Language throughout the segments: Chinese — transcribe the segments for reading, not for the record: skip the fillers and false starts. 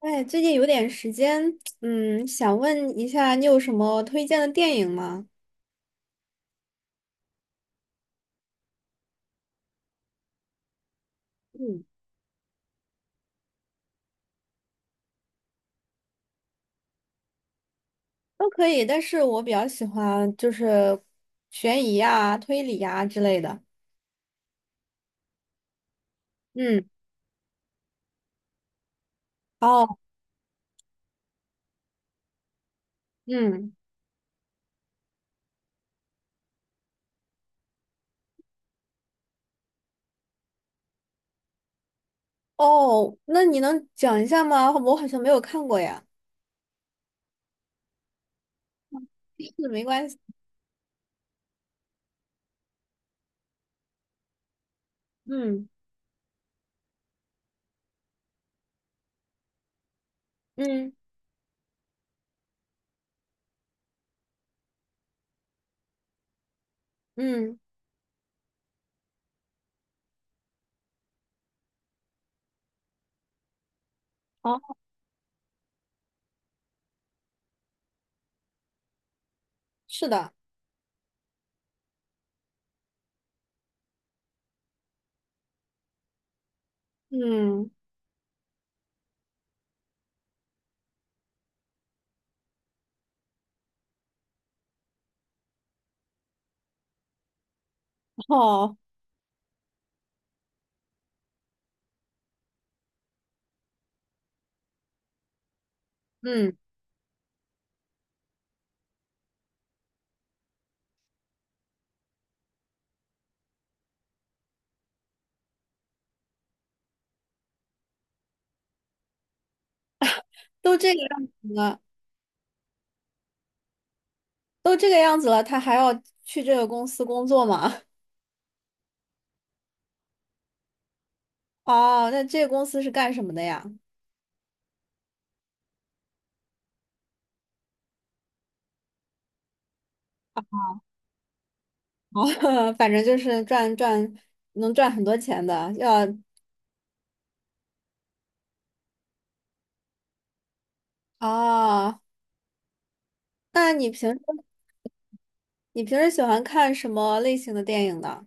哎，最近有点时间，想问一下，你有什么推荐的电影吗？嗯。都可以，但是我比较喜欢就是悬疑啊、推理啊之类的。嗯。哦。嗯。哦，那你能讲一下吗？我好像没有看过呀。是，没关系。嗯嗯嗯。好。是的。嗯。哦。嗯。都这个样子了，都这个样子了，他还要去这个公司工作吗？哦，那这个公司是干什么的呀？哦，反正就是赚赚，能赚很多钱的。要哦，那你平时你平时喜欢看什么类型的电影呢？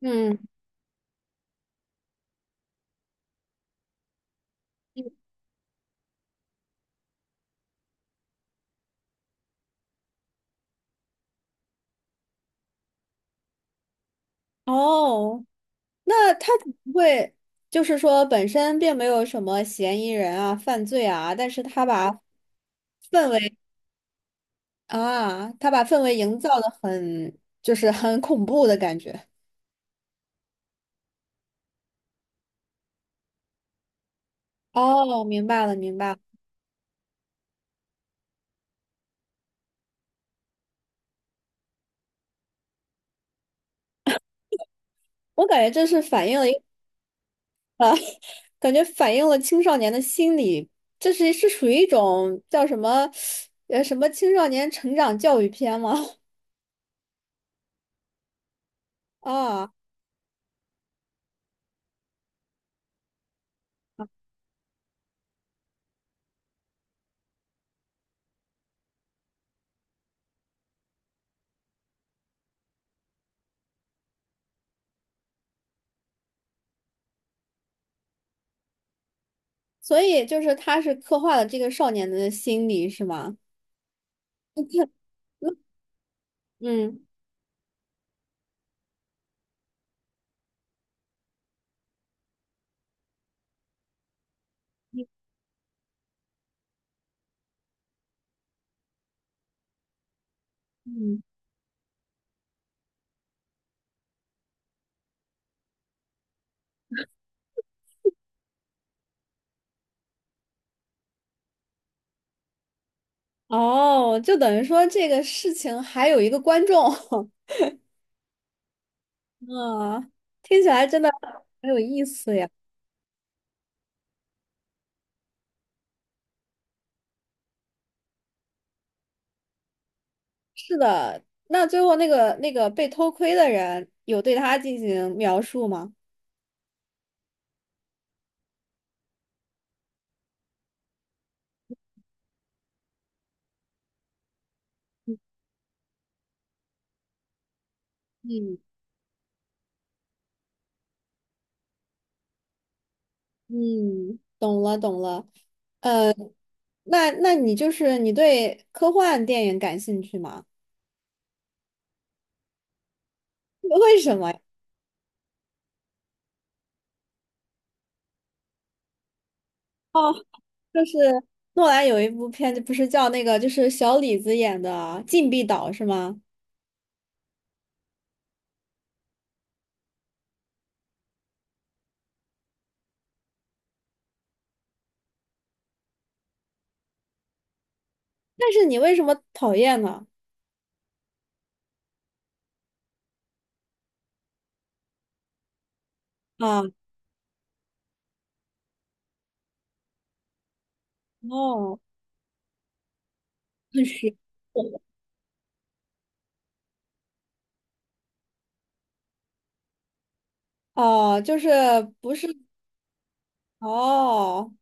嗯。哦，那他不会就是说本身并没有什么嫌疑人啊、犯罪啊，但是他把氛围啊，他把氛围营造的很就是很恐怖的感觉。哦，明白了，明白了。我感觉这是反映了。一。感觉反映了青少年的心理，这是是属于一种叫什么，什么青少年成长教育片吗？啊。所以就是他是刻画了这个少年的心理，是吗？嗯嗯。哦，就等于说这个事情还有一个观众。啊，听起来真的很有意思呀。是的，那最后那个那个被偷窥的人有对他进行描述吗？嗯嗯，懂了懂了。呃，那那你就是你对科幻电影感兴趣吗？为什么呀？哦，就是诺兰有一部片子，不是叫那个就是小李子演的《禁闭岛》是吗？但是你为什么讨厌呢？啊。哦。很实。哦，就是不是哦。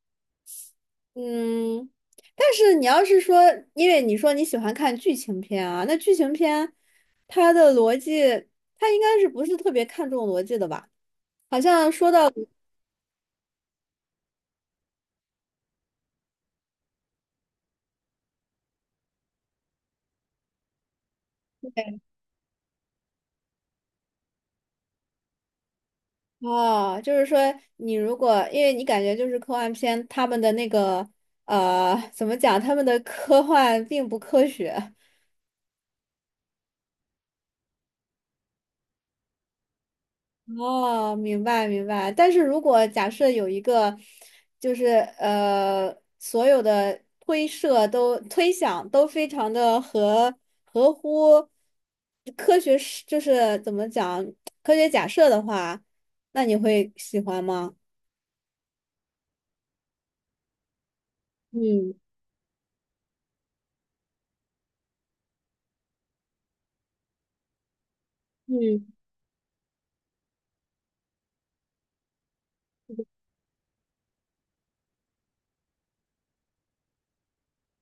嗯。但是你要是说，因为你说你喜欢看剧情片啊，那剧情片它的逻辑，它应该是不是特别看重逻辑的吧？好像说到哦，就是说你如果，因为你感觉就是科幻片，他们的那个怎么讲，他们的科幻并不科学。哦，明白明白。但是如果假设有一个，就是呃，所有的推设都推想都非常的合合乎科学是，就是怎么讲科学假设的话，那你会喜欢吗？嗯嗯。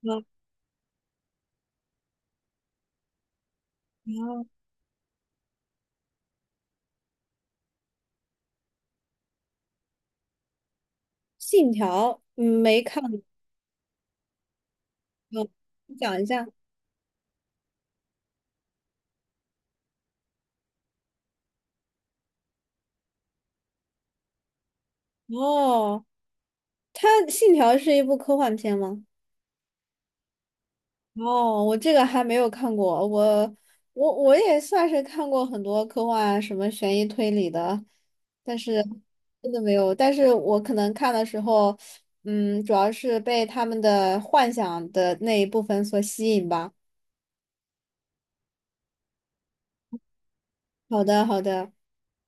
然后信条嗯没看过，你讲一下。哦，它信条是一部科幻片吗？哦，我这个还没有看过，我我我也算是看过很多科幻啊什么悬疑推理的，但是真的没有。但是我可能看的时候，嗯，主要是被他们的幻想的那一部分所吸引吧。好的，好的。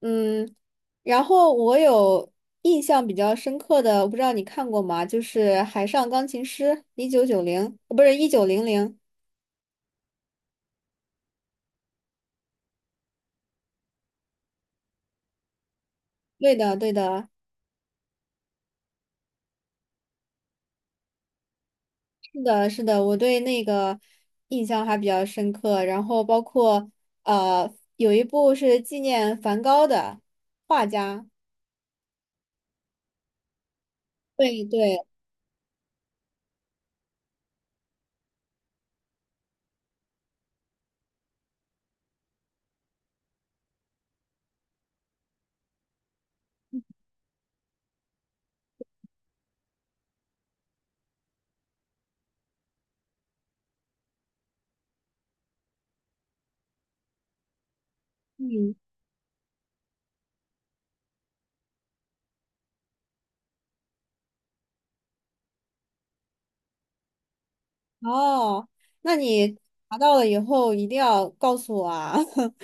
嗯。然后我有印象比较深刻的，我不知道你看过吗？就是《海上钢琴师》，1990，不是1900。对的，对的。是的，是的，我对那个印象还比较深刻。然后包括呃，有一部是纪念梵高的画家。对对。嗯。哦，那你查到了以后一定要告诉我啊。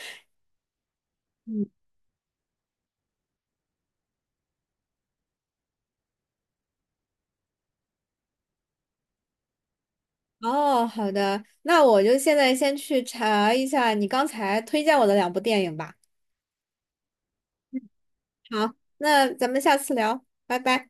嗯。哦，好的，那我就现在先去查一下你刚才推荐我的两部电影吧。好，那咱们下次聊，拜拜。